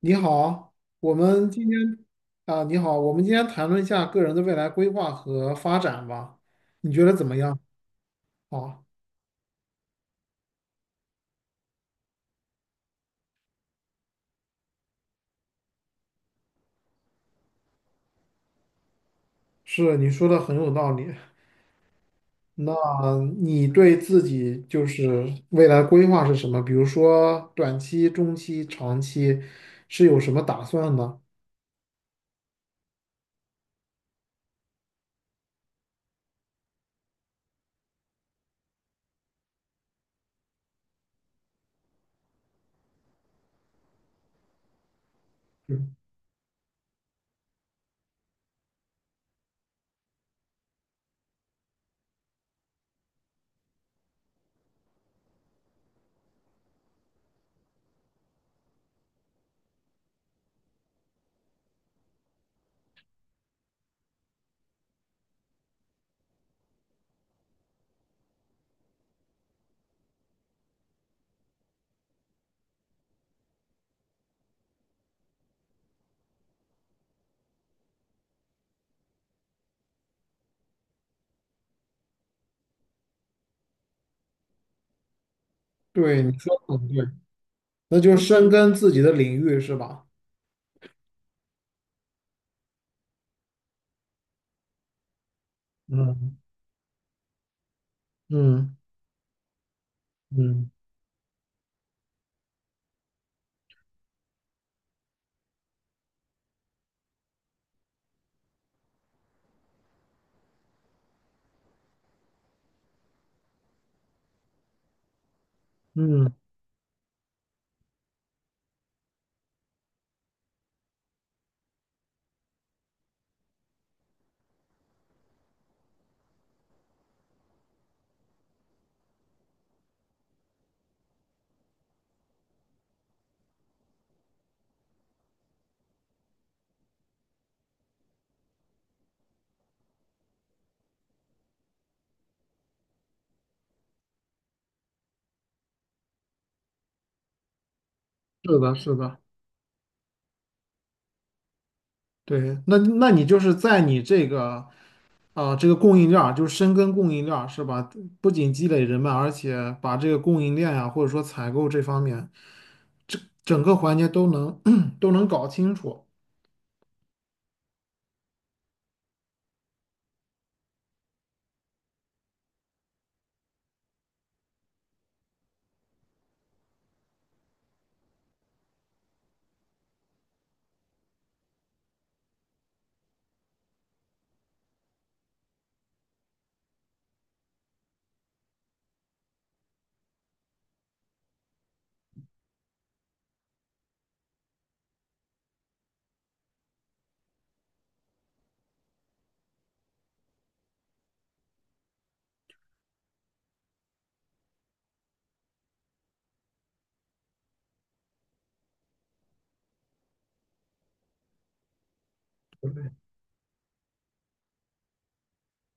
你好，我们今天你好，我们今天谈论一下个人的未来规划和发展吧，你觉得怎么样？啊，是，你说的很有道理。那你对自己就是未来规划是什么？比如说短期、中期、长期是有什么打算呢？嗯，对，你说的很对，那就深耕自己的领域是吧？嗯嗯嗯嗯，是的，是的。对，那你就是在你这个这个供应链儿就是深耕供应链儿，是吧？不仅积累人脉，而且把这个供应链呀、或者说采购这方面，整整个环节都能 都能搞清楚。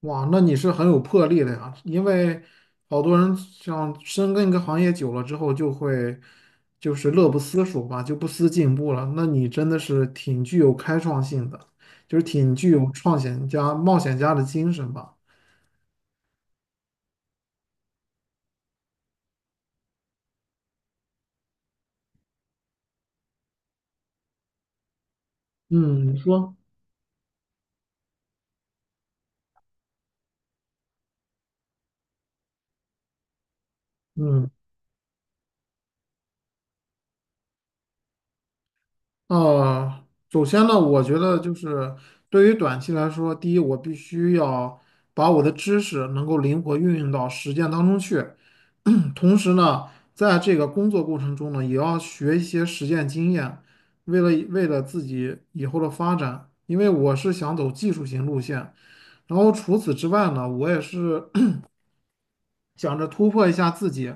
哇，那你是很有魄力的呀，因为好多人像深耕一个行业久了之后，就会就是乐不思蜀吧，就不思进步了。那你真的是挺具有开创性的，就是挺具有创险家、冒险家的精神吧。嗯，你说，嗯。首先呢，我觉得就是对于短期来说，第一，我必须要把我的知识能够灵活运用到实践当中去，同时呢，在这个工作过程中呢，也要学一些实践经验，为了自己以后的发展，因为我是想走技术型路线。然后除此之外呢，我也是想着突破一下自己。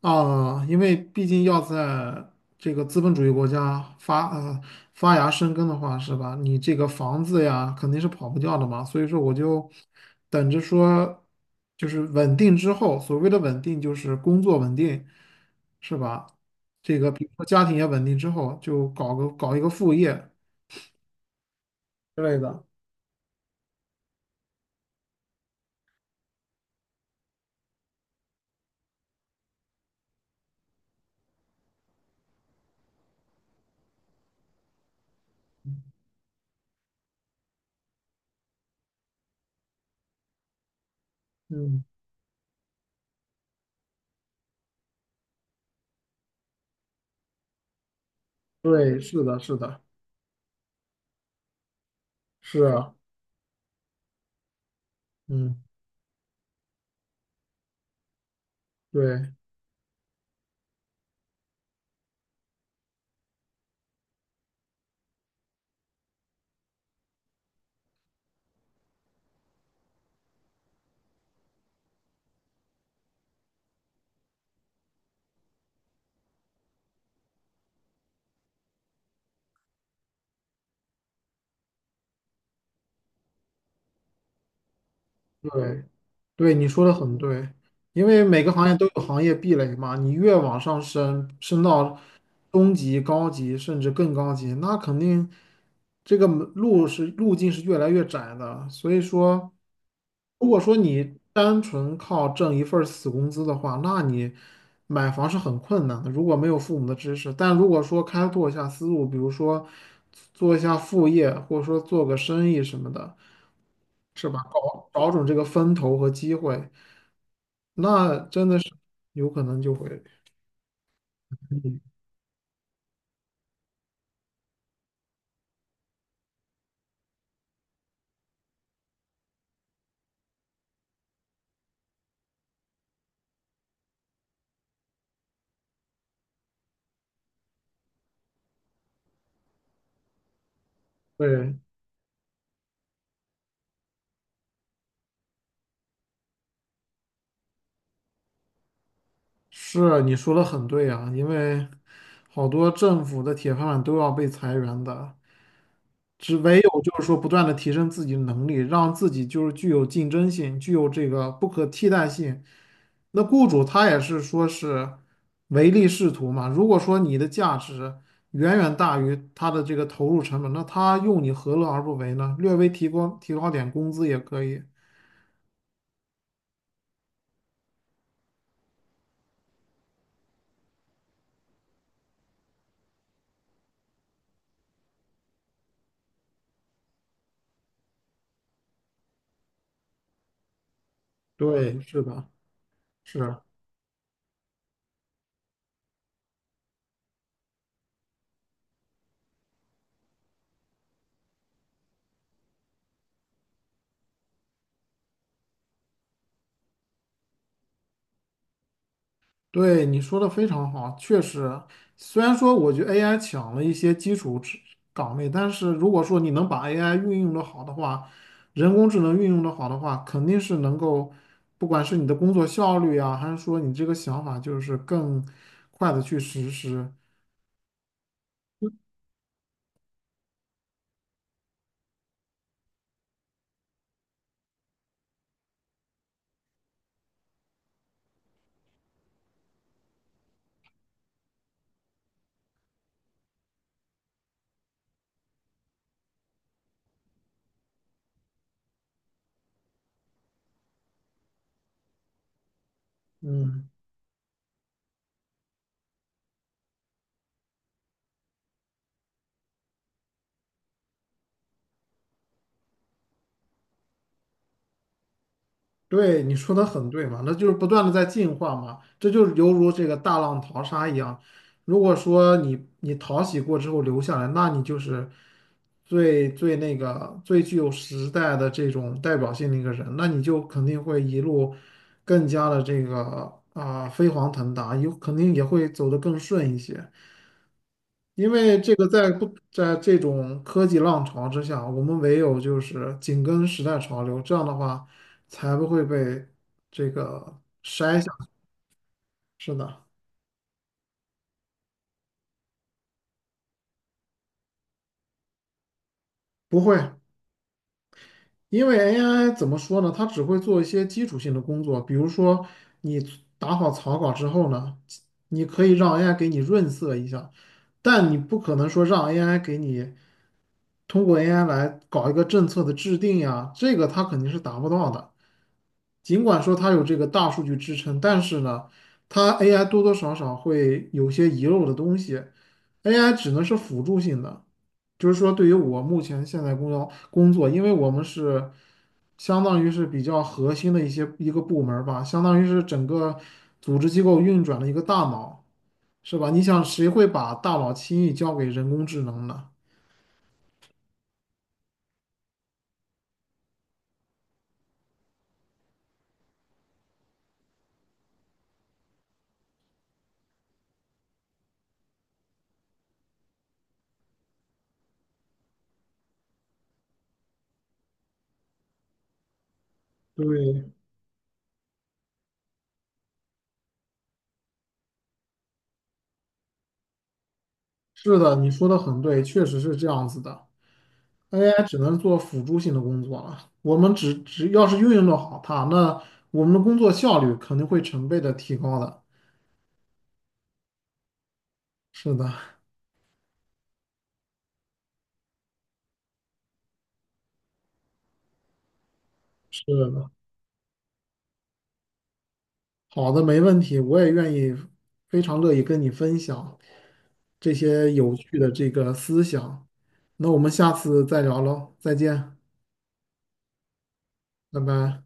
啊，因为毕竟要在这个资本主义国家发芽生根的话，是吧？你这个房子呀，肯定是跑不掉的嘛。所以说，我就等着说，就是稳定之后，所谓的稳定就是工作稳定，是吧？这个比如说家庭也稳定之后，就搞个搞一个副业之类的。嗯，对，是的，是的，是啊，嗯，对。对，对，你说的很对，因为每个行业都有行业壁垒嘛，你越往上升，升到中级、高级，甚至更高级，那肯定这个门路是路径是越来越窄的。所以说，如果说你单纯靠挣一份儿死工资的话，那你买房是很困难的，如果没有父母的支持。但如果说开拓一下思路，比如说做一下副业，或者说做个生意什么的。是吧？搞找准这个风头和机会，那真的是有可能就会，嗯对，是啊你说的很对啊，因为好多政府的铁饭碗都要被裁员的，只唯有就是说不断的提升自己的能力，让自己就是具有竞争性，具有这个不可替代性。那雇主他也是说是唯利是图嘛。如果说你的价值远远大于他的这个投入成本，那他用你何乐而不为呢？略微提高点工资也可以。对，是的，是。对，你说的非常好，确实，虽然说我觉得 AI 抢了一些基础职岗位，但是如果说你能把 AI 运用的好的话，人工智能运用的好的话，肯定是能够，不管是你的工作效率啊，还是说你这个想法，就是更快的去实施。嗯，对，你说的很对嘛，那就是不断的在进化嘛，这就是犹如这个大浪淘沙一样。如果说你淘洗过之后留下来，那你就是最最那个最具有时代的这种代表性的一个人，那你就肯定会一路更加的飞黄腾达，有肯定也会走得更顺一些。因为这个在不在这种科技浪潮之下，我们唯有就是紧跟时代潮流，这样的话才不会被这个筛下去。是的，不会，因为 AI 怎么说呢？它只会做一些基础性的工作，比如说你打好草稿之后呢，你可以让 AI 给你润色一下，但你不可能说让 AI 给你通过 AI 来搞一个政策的制定呀，这个它肯定是达不到的。尽管说它有这个大数据支撑，但是呢，它 AI 多多少少会有些遗漏的东西，AI 只能是辅助性的，就是说对于我目前现在工作，因为我们是相当于是比较核心的一个部门儿吧，相当于是整个组织机构运转的一个大脑，是吧？你想谁会把大脑轻易交给人工智能呢？对，是的，你说的很对，确实是这样子的。AI 只能做辅助性的工作了。我们只要是运用的好它，那我们的工作效率肯定会成倍的提高的。是的，是的，好的，没问题，我也愿意，非常乐意跟你分享这些有趣的这个思想。那我们下次再聊喽，再见，拜拜。